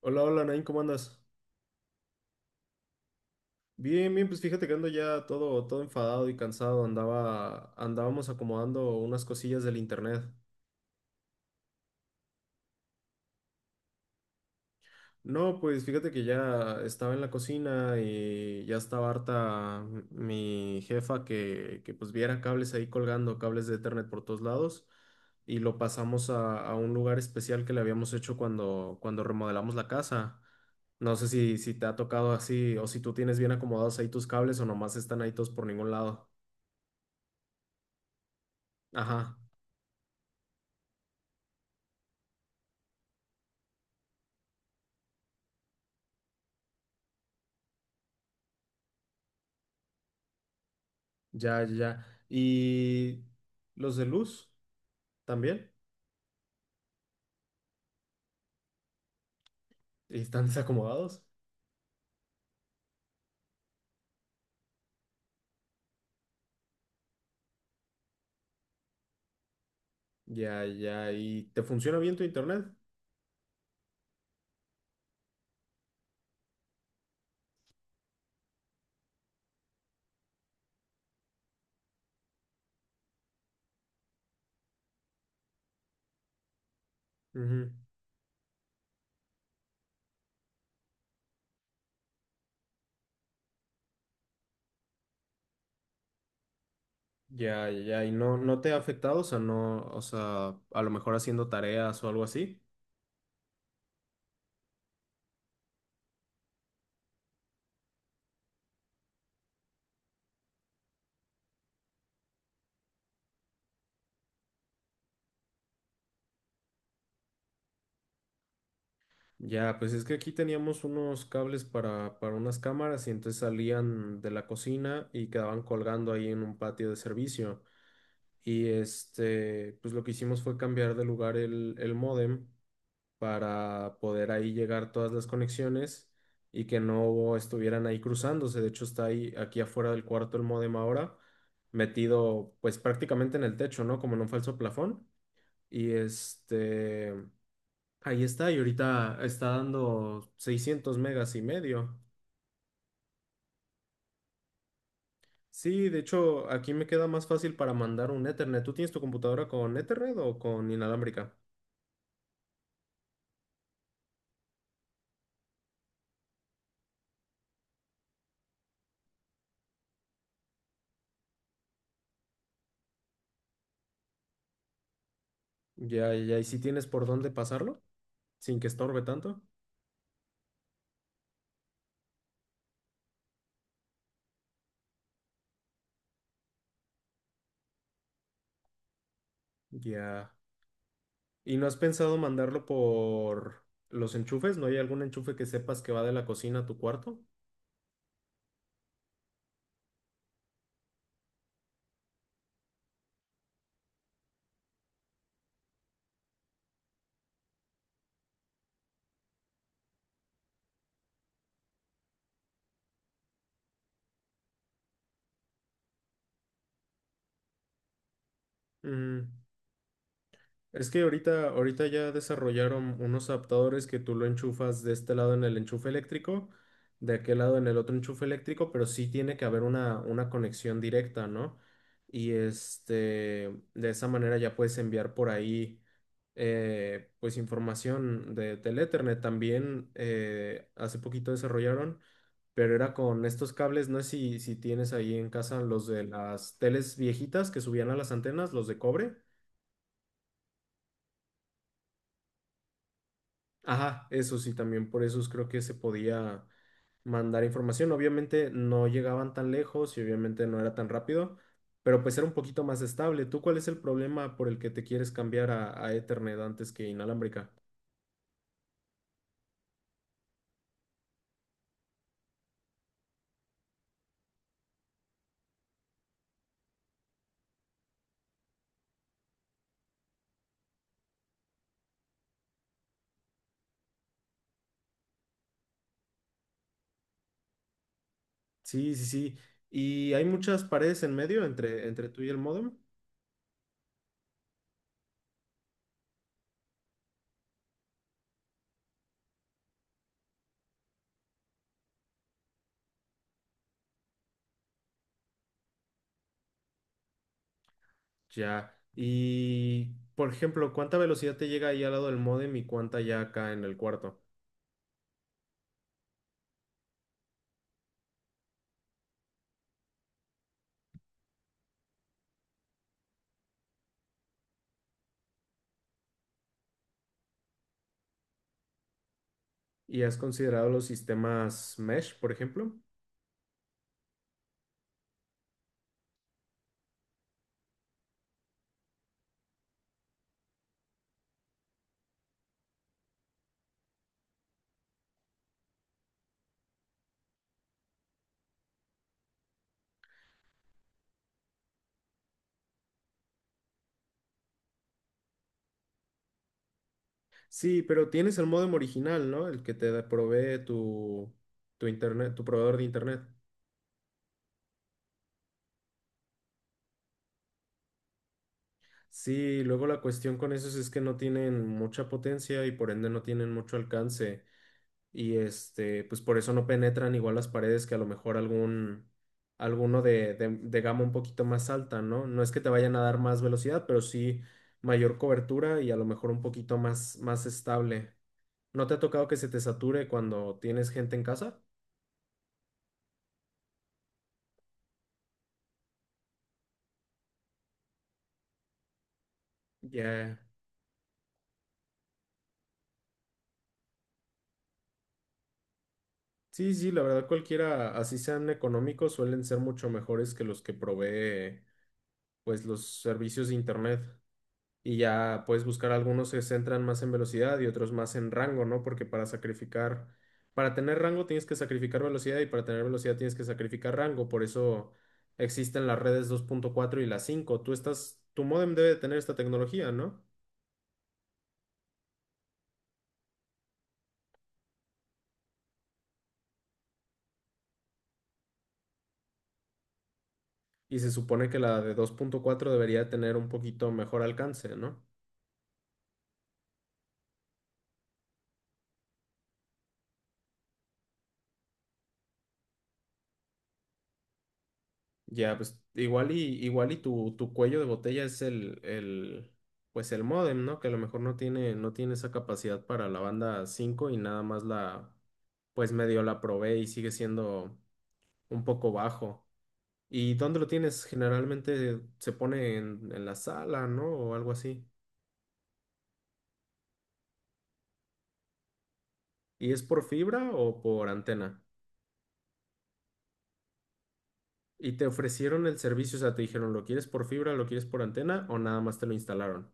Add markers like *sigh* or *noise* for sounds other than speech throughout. Hola, hola, Nain, ¿cómo andas? Bien, bien, pues fíjate que ando ya todo enfadado y cansado. Andábamos acomodando unas cosillas del internet. No, pues fíjate que ya estaba en la cocina y ya estaba harta mi jefa que pues viera cables ahí colgando, cables de Ethernet por todos lados. Y lo pasamos a un lugar especial que le habíamos hecho cuando remodelamos la casa. No sé si te ha tocado así o si tú tienes bien acomodados ahí tus cables o nomás están ahí todos por ningún lado. Ajá, ya, ya, ya. ¿Y los de luz también? ¿Y ¿Están *laughs* desacomodados? Ya, ya. ¿Y te funciona bien tu internet? Ujú. Ya, ya, ya. ¿Y no te ha afectado? O sea, no, o sea, a lo mejor haciendo tareas o algo así. Ya, pues es que aquí teníamos unos cables para unas cámaras y entonces salían de la cocina y quedaban colgando ahí en un patio de servicio. Y este, pues lo que hicimos fue cambiar de lugar el módem para poder ahí llegar todas las conexiones y que no estuvieran ahí cruzándose. De hecho, está ahí aquí afuera del cuarto el módem ahora, metido pues prácticamente en el techo, ¿no? Como en un falso plafón. Y este, ahí está, y ahorita está dando 600 megas y medio. Sí, de hecho, aquí me queda más fácil para mandar un Ethernet. ¿Tú tienes tu computadora con Ethernet o con inalámbrica? Ya, ya, y si tienes por dónde pasarlo, sin que estorbe tanto. Ya. ¿Y no has pensado mandarlo por los enchufes? ¿No hay algún enchufe que sepas que va de la cocina a tu cuarto? Ujú. Es que ahorita ya desarrollaron unos adaptadores que tú lo enchufas de este lado en el enchufe eléctrico, de aquel lado en el otro enchufe eléctrico, pero sí tiene que haber una conexión directa, ¿no? Y este, de esa manera ya puedes enviar por ahí pues información de, del Ethernet. También hace poquito desarrollaron, pero era con estos cables, no sé si tienes ahí en casa los de las teles viejitas que subían a las antenas, los de cobre. Ajá, eso sí, también por eso creo que se podía mandar información. Obviamente no llegaban tan lejos y obviamente no era tan rápido, pero pues era un poquito más estable. ¿Tú cuál es el problema por el que te quieres cambiar a Ethernet antes que inalámbrica? Sí, sí, sí. Y hay muchas paredes en medio entre tú y el módem. Ya. Y, por ejemplo, ¿cuánta velocidad te llega ahí al lado del módem y cuánta ya acá en el cuarto? ¿Y has considerado los sistemas mesh, por ejemplo? Sí, pero tienes el modem original, ¿no? El que te da- provee tu internet, tu proveedor de internet. Sí, luego la cuestión con esos es que no tienen mucha potencia y por ende no tienen mucho alcance. Y este, pues por eso no penetran igual las paredes que a lo mejor algún, alguno de gama un poquito más alta, ¿no? No es que te vayan a dar más velocidad, pero sí mayor cobertura y a lo mejor un poquito más, más estable. ¿No te ha tocado que se te sature cuando tienes gente en casa? Ya. Sí, sí, la verdad cualquiera, así sean económicos, suelen ser mucho mejores que los que provee pues los servicios de internet. Y ya puedes buscar algunos que se centran más en velocidad y otros más en rango, ¿no? Porque para sacrificar, para tener rango tienes que sacrificar velocidad y para tener velocidad tienes que sacrificar rango. Por eso existen las redes 2.4 y las 5. Tú estás, tu módem debe de tener esta tecnología, ¿no? Y se supone que la de 2.4 debería tener un poquito mejor alcance, ¿no? Ya, pues igual y igual y tu cuello de botella es el pues el módem, ¿no? Que a lo mejor no tiene esa capacidad para la banda 5 y nada más la, pues medio la probé y sigue siendo un poco bajo. ¿Y dónde lo tienes? Generalmente se pone en la sala, ¿no? O algo así. ¿Y es por fibra o por antena? ¿Y te ofrecieron el servicio? O sea, te dijeron, ¿lo quieres por fibra, lo quieres por antena o nada más te lo instalaron?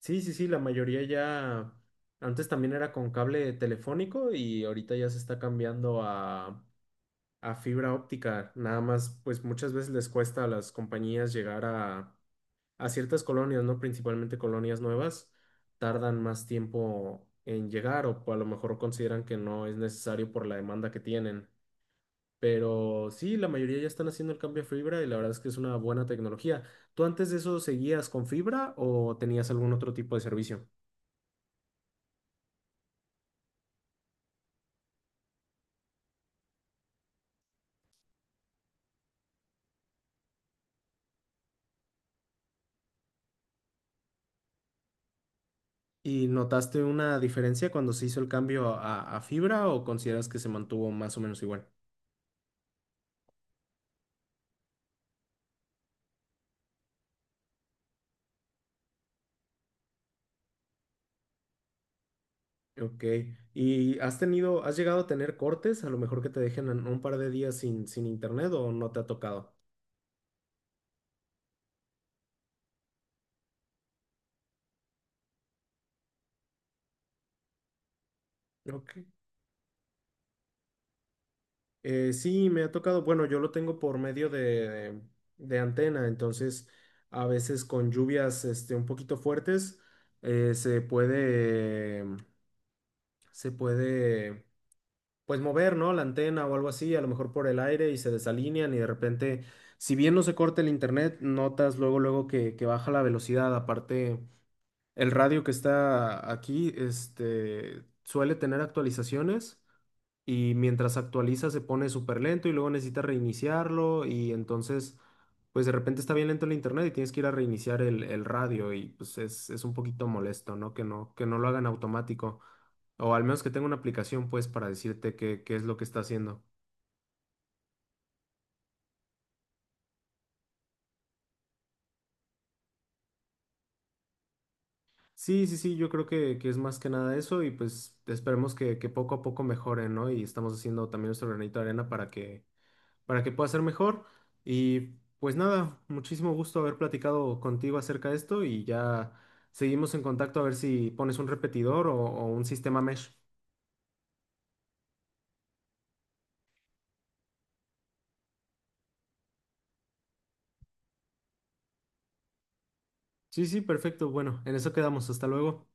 Sí, sí, sí, la mayoría ya, antes también era con cable telefónico y ahorita ya se está cambiando a fibra óptica. Nada más, pues muchas veces les cuesta a las compañías llegar a ciertas colonias, ¿no? Principalmente colonias nuevas, tardan más tiempo en llegar o a lo mejor consideran que no es necesario por la demanda que tienen. Pero sí, la mayoría ya están haciendo el cambio a fibra y la verdad es que es una buena tecnología. ¿Tú antes de eso seguías con fibra o tenías algún otro tipo de servicio? ¿Y notaste una diferencia cuando se hizo el cambio a fibra o consideras que se mantuvo más o menos igual? Ok. ¿Y has tenido, has llegado a tener cortes? A lo mejor que te dejen en un par de días sin internet o no te ha tocado. Ok. Sí, me ha tocado. Bueno, yo lo tengo por medio de antena, entonces a veces con lluvias este, un poquito fuertes eh, se puede, se puede pues mover, ¿no? La antena o algo así, a lo mejor por el aire y se desalinean y de repente, si bien no se corta el internet, notas luego, luego que baja la velocidad, aparte. El radio que está aquí, este, suele tener actualizaciones y mientras actualiza se pone súper lento y luego necesita reiniciarlo y entonces, pues de repente está bien lento el internet y tienes que ir a reiniciar el radio y pues es un poquito molesto, ¿no? Que no lo hagan automático o al menos que tenga una aplicación pues para decirte qué es lo que está haciendo. Sí, sí, sí, yo creo que es más que nada eso y pues esperemos que poco a poco mejore, ¿no? Y estamos haciendo también nuestro granito de arena para que pueda ser mejor. Y pues nada, muchísimo gusto haber platicado contigo acerca de esto y ya seguimos en contacto a ver si pones un repetidor o un sistema mesh. Sí, sí, perfecto. Bueno, en eso quedamos. Hasta luego.